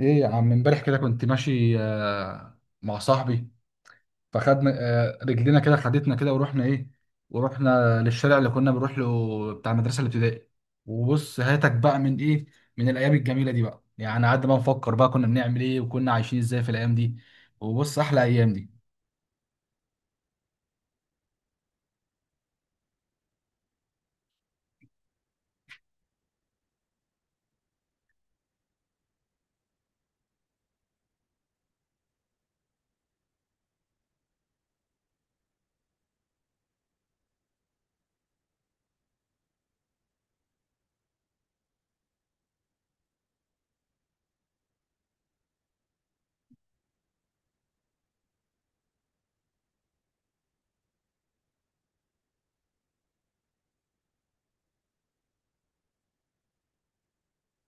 ايه يا عم، امبارح كده كنت ماشي مع صاحبي. فخدنا رجلينا كده، خدتنا كده ورحنا للشارع اللي كنا بنروح له بتاع المدرسه الابتدائي. وبص هاتك بقى من الايام الجميله دي، بقى يعني قعدنا بقى نفكر بقى كنا بنعمل ايه وكنا عايشين ازاي في الايام دي. وبص، احلى ايام دي.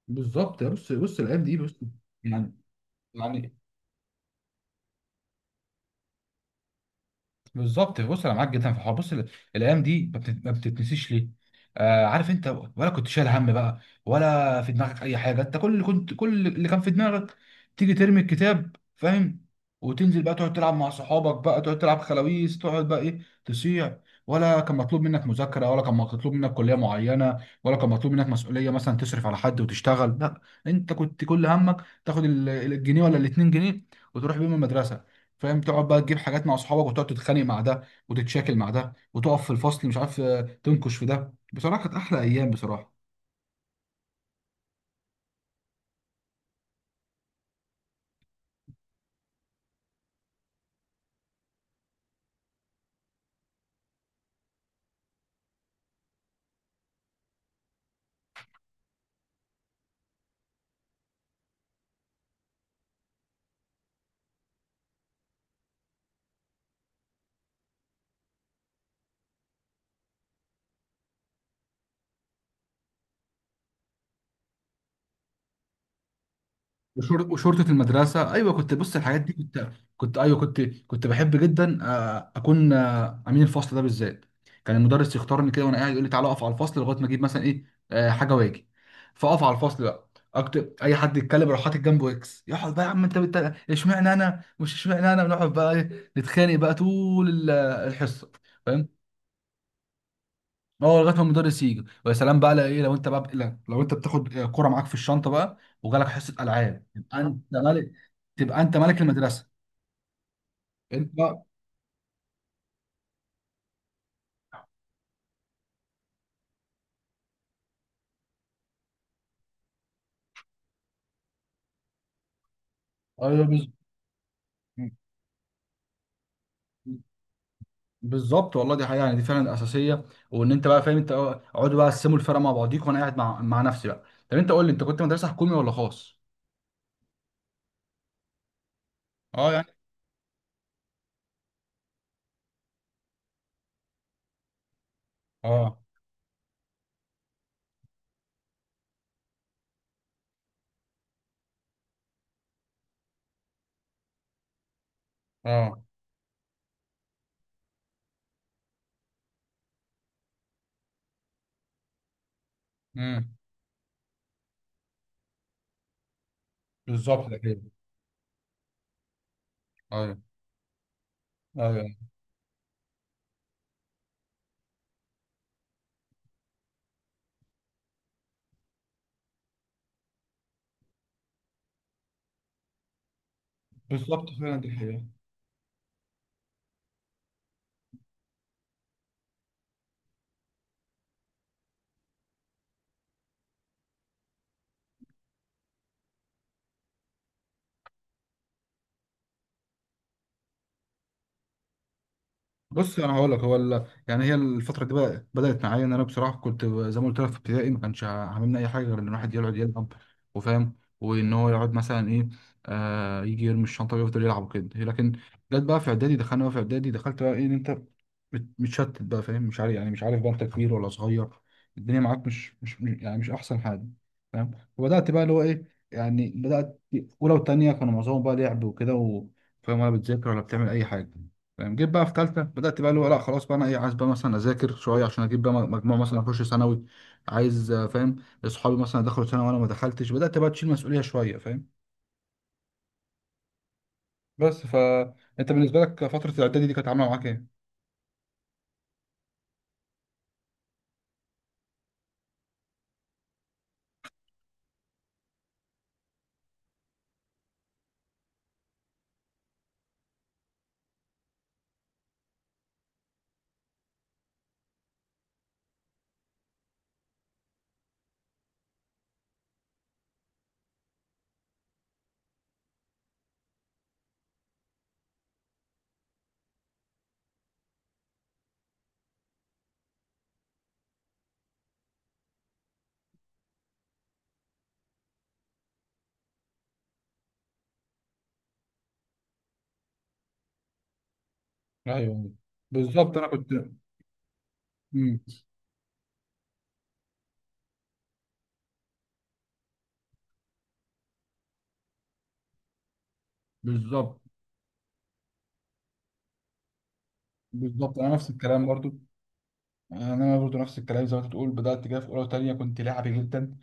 بالظبط يا، بص الايام دي، بص. يعني يعني، بالظبط، بص، انا معاك جدا في الحوار. بص، الايام دي ما بتتنسيش ليه؟ آه، عارف انت؟ ولا كنت شايل هم بقى؟ ولا في دماغك اي حاجه؟ انت كل اللي كان في دماغك تيجي ترمي الكتاب، فاهم، وتنزل بقى تقعد تلعب مع صحابك، بقى تقعد تلعب خلاويص، تقعد بقى تصيع. ولا كان مطلوب منك مذاكره، ولا كان مطلوب منك كليه معينه، ولا كان مطلوب منك مسؤوليه مثلا تصرف على حد وتشتغل. لا، انت كنت كل همك تاخد الجنيه ولا الاتنين جنيه وتروح بيهم المدرسه، فاهم، تقعد بقى تجيب حاجات مع اصحابك وتقعد تتخانق مع ده وتتشاكل مع ده وتقف في الفصل، مش عارف، تنكش في ده. بصراحه كانت احلى ايام، بصراحه. وشرطه المدرسه، ايوه كنت، بص، الحاجات دي كنت، كنت ايوه، كنت بحب جدا اكون امين الفصل ده بالذات. كان المدرس يختارني كده وانا قاعد، يقول لي تعالى اقف على الفصل لغايه ما اجيب مثلا ايه آه، حاجه واجي. فاقف على الفصل بقى، اكتب اي حد يتكلم، اروح حاطط جنبه اكس. يقعد بقى يا عم انت اشمعنى انا مش اشمعنى انا بنقعد بقى، نتخانق بقى طول الحصه، فاهم. هو لغايه ما المدرس يجي، ويا سلام بقى لو ايه، لو انت بقى، لا، لو انت بتاخد كرة معاك في الشنطه بقى وجالك حصه العاب، يبقى انت ملك. تبقى انت ملك المدرسه، انت بقى. ايوه بالظبط والله، دي حقيقه يعني، دي فعلا الاساسيه. وان انت بقى، فاهم، انت اقعدوا بقى قسموا الفرق مع بعضيك، وانا قاعد مع نفسي بقى. طب انت قول لي، انت كنت مدرسه حكومي ولا خاص؟ اه، يعني. اه، اه. امم بالظبط ده كده. ايوه، ايوه، بالظبط فعلا، دي حقيقه. بص انا هقول لك، يعني هي الفتره دي بقى بدات معايا ان انا بصراحه كنت زي ما قلت لك، في ابتدائي ما كانش عاملنا اي حاجه غير ان الواحد يقعد يلعب، وفاهم، وان هو يقعد مثلا ايه آه يجي يرمي الشنطه ويفضل يلعب وكده. لكن جت بقى في اعدادي، دخلت بقى ان انت متشتت بقى، فاهم، مش عارف بقى انت كبير ولا صغير. الدنيا معاك يعني مش احسن حاجه، فاهم. وبدات بقى اللي هو ايه يعني بدات اولى وثانيه كانوا معظمهم بقى لعب وكده فاهم، ولا بتذاكر ولا بتعمل اي حاجه، فاهم. جيت بقى في ثالثه، بدات بقى اللي هو لا خلاص بقى انا عايز بقى مثلا اذاكر شويه عشان اجيب بقى مجموع مثلا اخش ثانوي. عايز، فاهم. اصحابي مثلا دخلوا ثانوي وانا ما دخلتش، بدات بقى تشيل مسؤوليه شويه، فاهم. بس فانت بالنسبه لك فتره الاعدادي دي كانت عامله معاك ايه؟ ايوه، بالظبط. انا كنت. مم. بالظبط، بالظبط. انا نفس الكلام برضو، انا برضو نفس الكلام زي ما انت بتقول. بدات كده في اولى وثانيه، كنت لاعبي جدا.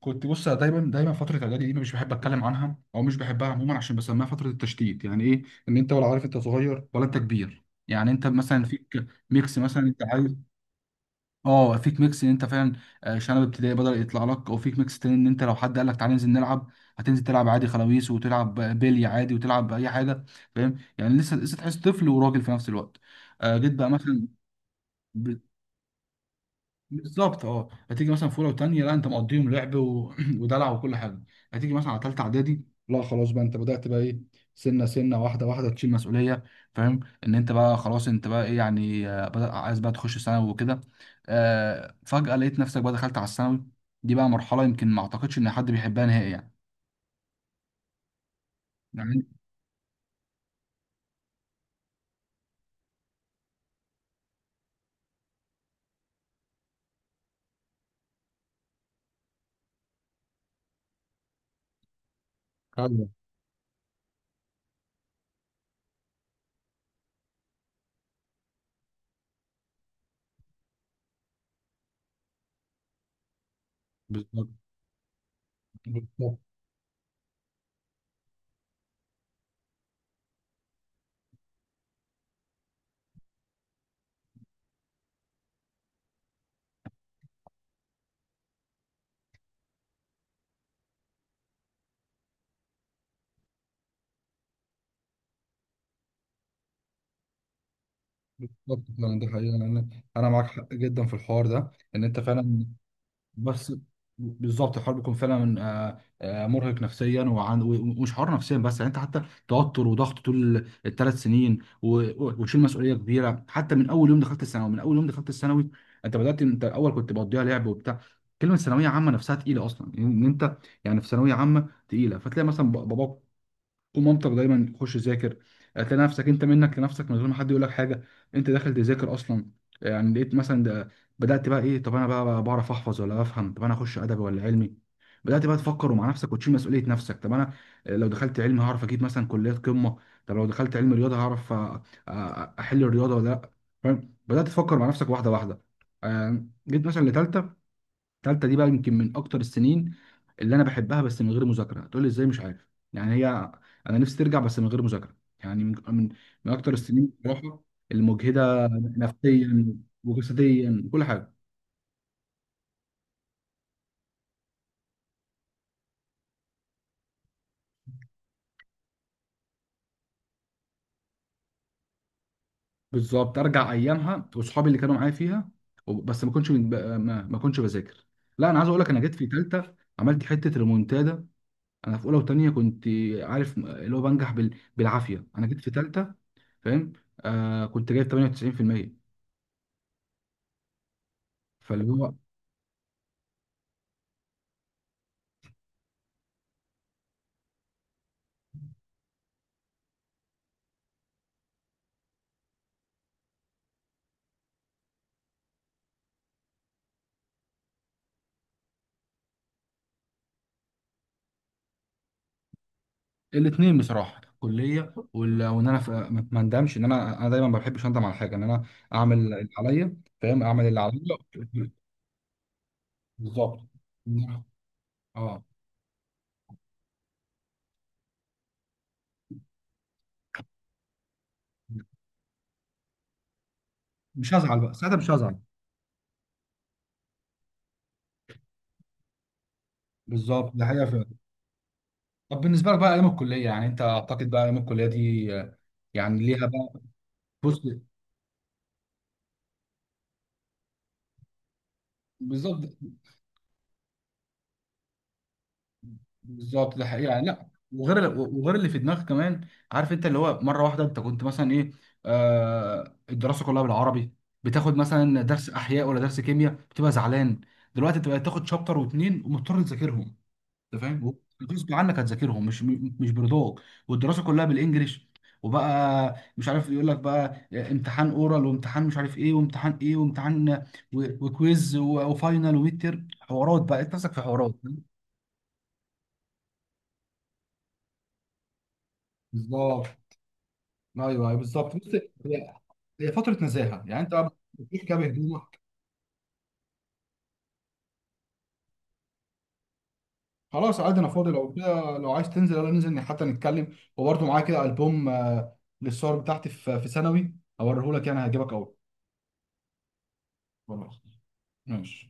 كنت، بص، دايما دايما فتره اعدادي دي مش بحب اتكلم عنها، او مش بحبها عموما، عشان بسميها فتره التشتيت. يعني ايه؟ ان انت ولا عارف انت صغير ولا انت كبير. يعني انت مثلا فيك ميكس، مثلا انت عايز، اه فيك ميكس ان انت فعلا شنب ابتدائي بدأ يطلع لك، او فيك ميكس تاني ان انت لو حد قال لك تعالى ننزل نلعب، هتنزل تلعب عادي خلاويص، وتلعب بيلي عادي، وتلعب اي حاجه، فاهم. يعني لسه لسه تحس طفل وراجل في نفس الوقت. جيت بقى مثلا. بالظبط. اه هتيجي مثلا في اولى وثانيه، لا، انت مقضيهم لعب ودلع وكل حاجه. هتيجي مثلا على ثالثه اعدادي، لا خلاص بقى انت بدات بقى سنه سنه، واحده واحده تشيل مسؤوليه، فاهم. ان انت بقى خلاص، انت بقى يعني بدأ عايز بقى تخش ثانوي وكده. فجاه لقيت نفسك بقى دخلت على الثانوي. دي بقى مرحله يمكن ما اعتقدش ان حد بيحبها نهائي يعني. يعني ايوه، بالظبط. بالظبط، بالظبط فعلا دي حقيقة. أنا معاك حق جدا في الحوار ده، إن أنت فعلا. بس بالظبط الحوار بيكون فعلا مرهق نفسيا، ومش حوار نفسيا بس يعني. انت حتى توتر وضغط طول الثلاث سنين وشيل مسؤوليه كبيره حتى من اول يوم دخلت الثانوي. انت بدات، انت الاول كنت بقضيها لعب وبتاع. كلمه ثانويه عامه نفسها تقيله اصلا، ان انت يعني في ثانويه عامه تقيله. فتلاقي مثلا باباك قوم، مامتك دايما خش ذاكر. هتلاقي نفسك انت منك لنفسك من غير ما حد يقول لك حاجه، انت داخل تذاكر اصلا. يعني لقيت مثلا ده، بدات بقى طب انا بقى بعرف احفظ ولا بفهم؟ طب انا اخش ادبي ولا علمي؟ بدات بقى تفكر مع نفسك وتشيل مسؤوليه نفسك. طب انا لو دخلت علمي، هعرف اجيب مثلا كليات قمه. طب لو دخلت علم رياضه، هعرف احل الرياضه ولا لا، فاهم. بدات تفكر مع نفسك واحده واحده. جيت مثلا لتالتة. التالتة دي بقى يمكن من اكتر السنين اللي انا بحبها، بس من غير مذاكرة. تقول لي ازاي؟ مش عارف يعني. هي، انا نفسي ترجع، بس من غير مذاكرة يعني، من اكتر السنين بصراحة المجهدة نفسيا وجسديا، كل حاجة. بالظبط، ارجع ايامها، واصحابي اللي كانوا معايا فيها. وب- بس ما كنتش بذاكر. لا، انا عايز اقول لك، انا جيت في تالتة، عملت حتة ريمونتادا. انا في اولى وتانية كنت، عارف، اللي هو بنجح بالعافية. انا جيت في تالتة، فاهم، كنت جايب 98%. فاللي هو الاثنين بصراحه، الكليه، وان انا ما اندمش. ان انا دايما ما بحبش اندم على حاجه، ان انا اعمل اللي عليا، فاهم، اعمل اللي عليا. بالظبط. اه، مش هزعل بقى ساعتها، مش هزعل. بالظبط ده حقيقه فعلا. طب بالنسبه لك بقى ايام الكليه، يعني انت، اعتقد بقى ايام الكليه دي يعني ليها بقى. بص، بالظبط. بالظبط ده حقيقي يعني، لا. وغير اللي في دماغك كمان، عارف انت. اللي هو مره واحده انت كنت مثلا ايه آه الدراسه كلها بالعربي. بتاخد مثلا درس احياء ولا درس كيمياء، بتبقى زعلان. دلوقتي انت بقيت تاخد شابتر واتنين ومضطر تذاكرهم، انت فاهم، غصب عنك هتذاكرهم، مش مش برضاك. والدراسه كلها بالانجلش، وبقى مش عارف يقول لك بقى امتحان اورال، وامتحان مش عارف ايه، وامتحان ايه، وامتحان وكويز، وفاينل، وميد تيرم، حوارات بقى انت نفسك في حوارات. بالظبط. ايوه، أيوة، بالظبط، بص. هي هي فتره نزاهه يعني، انت بتروح كده بهدومك. خلاص، عادي، انا فاضي. لو كده، لو عايز تنزل، يلا ننزل حتى نتكلم. وبرده معايا كده البوم للصور بتاعتي في ثانوي، هوريهولك، يعني هيعجبك قوي. خلاص ماشي